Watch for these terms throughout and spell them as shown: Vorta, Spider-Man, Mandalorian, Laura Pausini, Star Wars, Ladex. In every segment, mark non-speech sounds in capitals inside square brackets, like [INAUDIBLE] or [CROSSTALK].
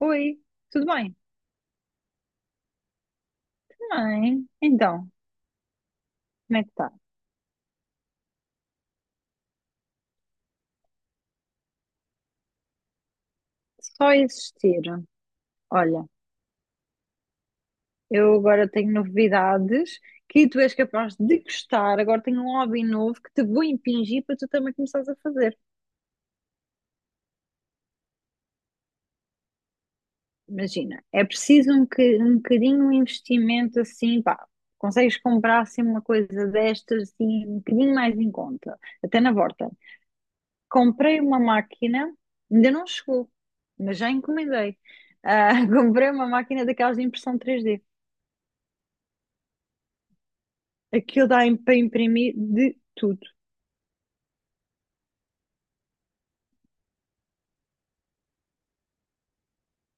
Oi, tudo bem? Bem, então, como é que tá? Só existir. Olha, eu agora tenho novidades que tu és capaz de gostar. Agora tenho um hobby novo que te vou impingir para tu também começares a fazer. Imagina, é preciso um, um bocadinho de investimento assim, pá. Consegues comprar assim uma coisa destas assim, um bocadinho mais em conta, até na Vorta. Comprei uma máquina, ainda não chegou, mas já encomendei. Ah, [LAUGHS] comprei uma máquina daquelas de impressão 3D. Aquilo para imprimir de tudo.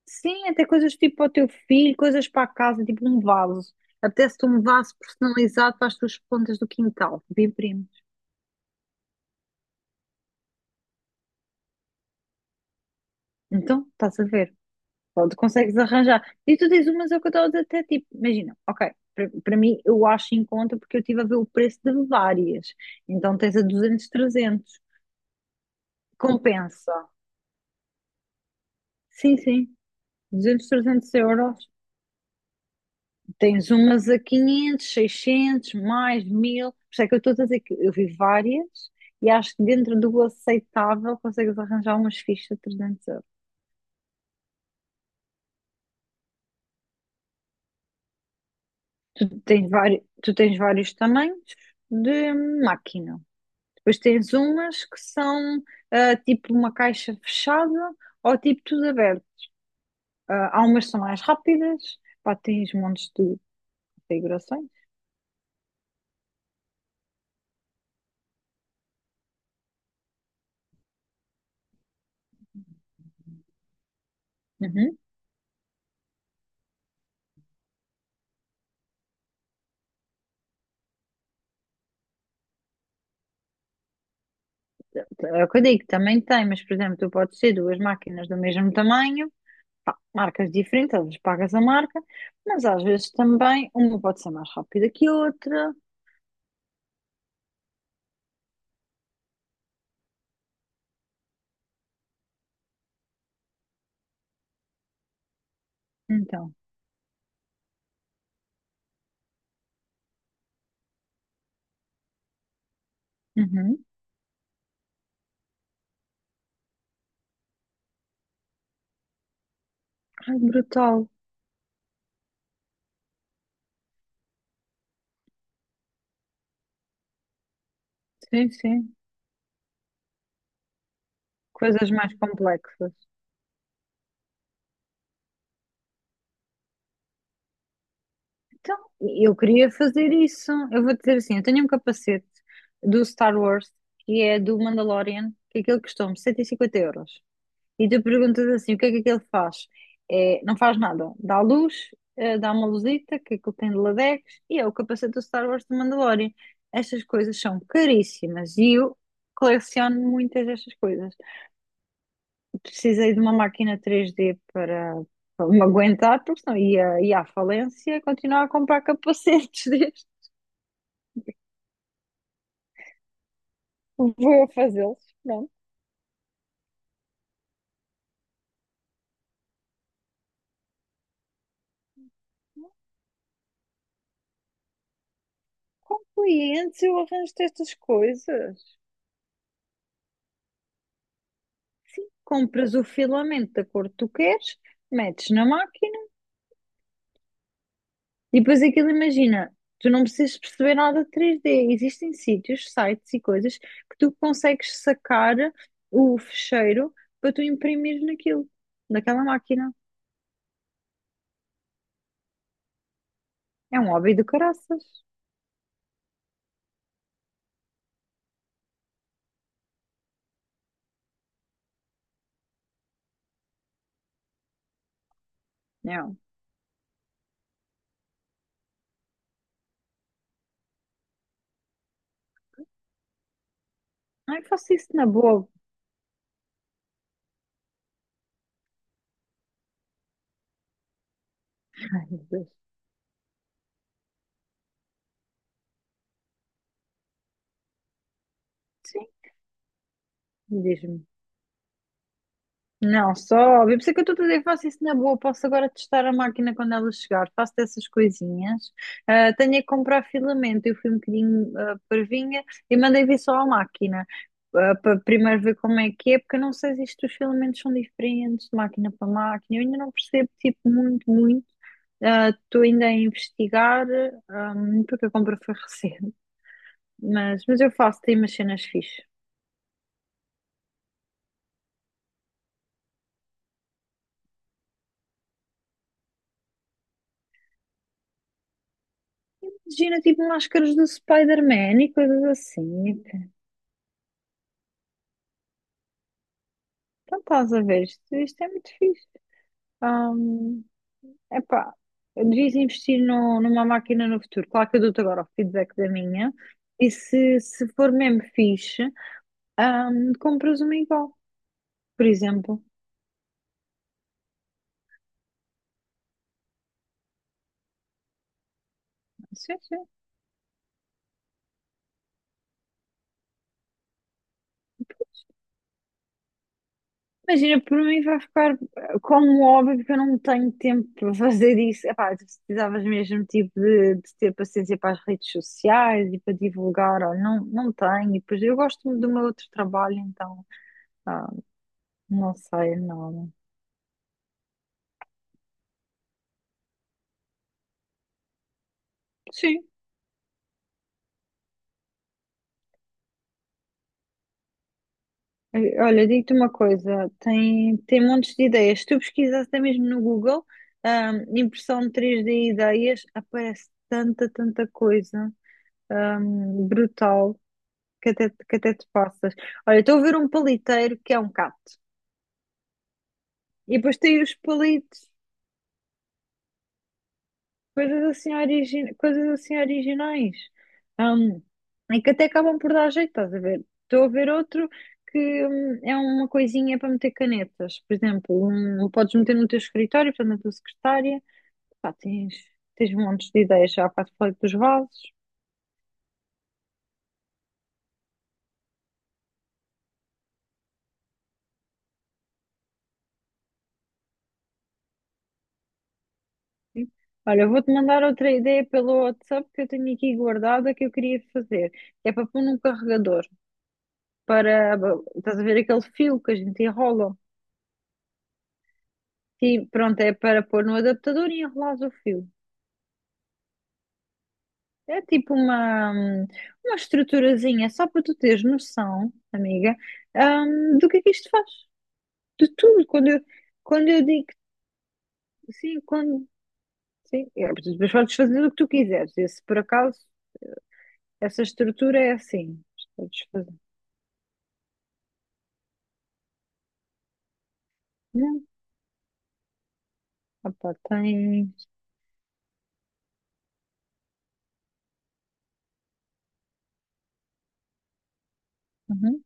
Sim, até coisas tipo para o teu filho, coisas para a casa, tipo um vaso. Apetece-te um vaso personalizado para as tuas plantas do quintal. De imprimes. Então, estás a ver. Pode, consegues arranjar. E tu dizes, umas é o que eu estava a dizer, até tipo, imagina, ok, para mim eu acho em conta porque eu estive a ver o preço de várias. Então tens a 200, 300. Compensa. Sim, sim. 200, 300 euros. Tens umas a 500, 600, mais mil. Por isso é que eu estou a dizer que eu vi várias e acho que dentro do aceitável consegues arranjar umas fichas de 300 euros. Tens vários, tu tens vários tamanhos de máquina. Depois tens umas que são tipo uma caixa fechada ou tipo tudo aberto. Há umas que são mais rápidas, pá, tens montes de configurações. Uhum. É o que eu digo, também tem, mas por exemplo, tu podes ter duas máquinas do mesmo tamanho, pá, marcas diferentes, às vezes pagas a marca, mas às vezes também uma pode ser mais rápida que a outra. Então, uhum. Ai, brutal. Sim, sim. Coisas mais complexas. Então, eu queria fazer isso. Eu vou dizer assim, eu tenho um capacete do Star Wars, que é do Mandalorian, que aquele custou-me 150 euros. E tu perguntas assim, o que é que aquilo faz? É, não faz nada. Dá luz, dá uma luzita, que aquilo tem de Ladex, e é o capacete do Star Wars do Mandalorian. Estas coisas são caríssimas e eu coleciono muitas destas coisas. Precisei de uma máquina 3D para, para me aguentar, porque senão ia à falência continuar a comprar capacetes [LAUGHS] destes. Vou fazê-los. Pronto. Com clientes eu arranjo estas coisas. Sim, compras o filamento da cor que tu queres, metes na máquina e depois aquilo, imagina, tu não precisas perceber nada de 3D. Existem sítios, sites e coisas que tu consegues sacar o fecheiro para tu imprimir naquilo, naquela máquina. É um hobby do caraças. Não. Ai, faço isso na boa. Ai, meu Deus. Sim, diz-me. Não, só, óbvio. Por isso é que eu estou a dizer que faço isso na boa. Posso agora testar a máquina quando ela chegar. Faço dessas coisinhas. Ah, tenho é que comprar filamento. Eu fui um bocadinho parvinha e mandei vir só à máquina. Para primeiro ver como é que é, porque eu não sei se isto os filamentos são diferentes de máquina para máquina. Eu ainda não percebo, tipo, muito. Ah, estou ainda a investigar, porque a compra foi [LAUGHS] recente. Mas eu faço, tem umas cenas fixes. Imagina, tipo, máscaras do Spider-Man e coisas assim. Então estás a ver, isto é muito fixe. É, epá, eu devias investir numa máquina no futuro. Claro que eu dou-te agora o feedback da minha. E se for mesmo fixe, compras uma igual, por exemplo. Sim, sim. Imagina, por mim vai ficar como óbvio que eu não tenho tempo para fazer isso. Epá, tu precisavas mesmo tipo de ter paciência para as redes sociais e para divulgar. Olha, não tenho. E depois eu gosto do meu outro trabalho, então. ah, Não sei, não. Sim. Olha, digo-te uma coisa, tem montes de ideias. Se tu pesquisas até mesmo no Google, impressão 3D e ideias, aparece tanta coisa, brutal, que até te passas. Olha, estou a ver um paliteiro que é um gato. E depois tem os palitos, coisas assim, coisas assim originais. Um, e que até acabam por dar jeito, estás a ver? Estou a ver outro que é uma coisinha para meter canetas. Por exemplo, um, podes meter no teu escritório, portanto, na tua secretária. Pá, tens, tens montes de ideias. Já há bocado falei dos vasos. Sim. Olha, vou-te mandar outra ideia pelo WhatsApp que eu tenho aqui guardada que eu queria fazer. Que é para pôr num carregador. Para, estás a ver aquele fio que a gente enrola? Sim, pronto, é para pôr no adaptador e enrolar o fio. É tipo uma estruturazinha, só para tu teres noção, amiga, do que é que isto faz. De tudo. Quando eu digo, sim, quando, sim, é, mas tu depois podes fazer o que tu quiseres. E se por acaso, essa estrutura é assim. Podes fazer. Não, opa, tens. Uhum.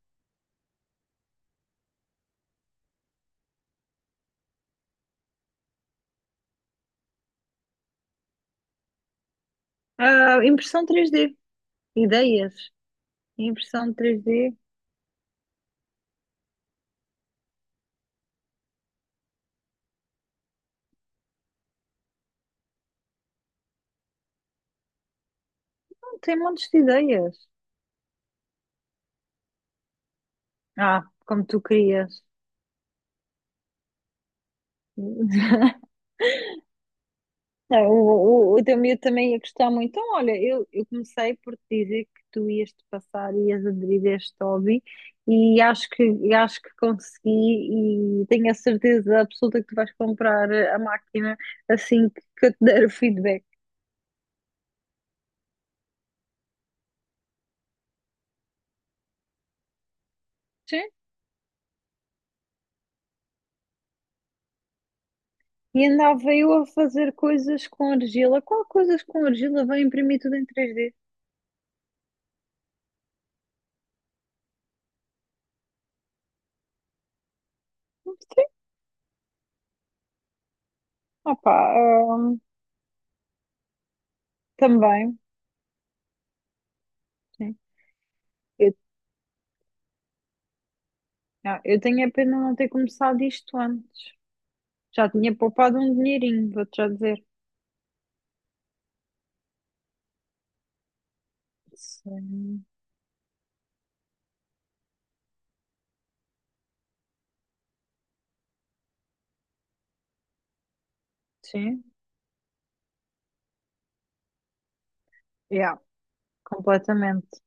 Ah, impressão 3D. Ideias. Impressão três d. Tem montes de ideias. Ah, como tu querias. [LAUGHS] Não, o teu miúdo também ia gostar muito. Então, olha, eu comecei por te dizer que tu ias te passar, ias aderir a este hobby e acho e acho que consegui e tenho a certeza absoluta que tu vais comprar a máquina assim que eu te der o feedback. Sim. E andava eu a fazer coisas com argila. Qual coisas com argila? Vai imprimir tudo em 3D. Opa, hum, também. Sim. Eu, ah, eu tenho a pena não ter começado isto antes. Já tinha poupado um dinheirinho, vou-te já dizer. Sim, sim, yeah, completamente.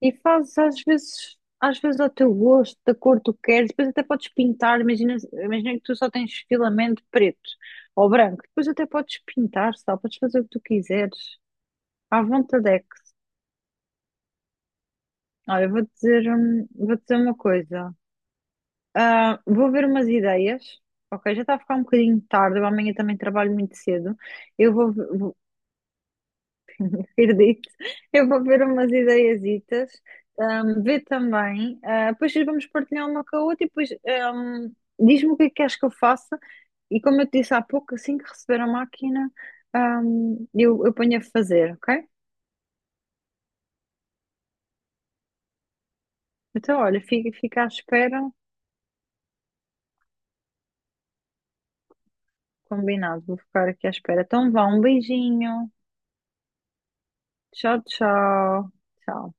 E fazes às vezes ao teu gosto, da cor que tu queres, depois até podes pintar, imagina, imagina que tu só tens filamento preto ou branco, depois até podes pintar, sabe? Podes fazer o que tu quiseres, à vontade. Olha, eu vou-te dizer uma coisa. Ah, vou ver umas ideias, ok? Já está a ficar um bocadinho tarde, eu amanhã também trabalho muito cedo. Eu vou, Acredito. Eu vou ver umas ideiazitas, ver também. Depois vamos partilhar uma com a outra e depois diz-me o que é que queres que eu faça. E como eu te disse há pouco, assim que receber a máquina, eu ponho a fazer, ok? Então, olha, fica à espera. Combinado, vou ficar aqui à espera. Então, vá, um beijinho. Tchau, tchau. Tchau.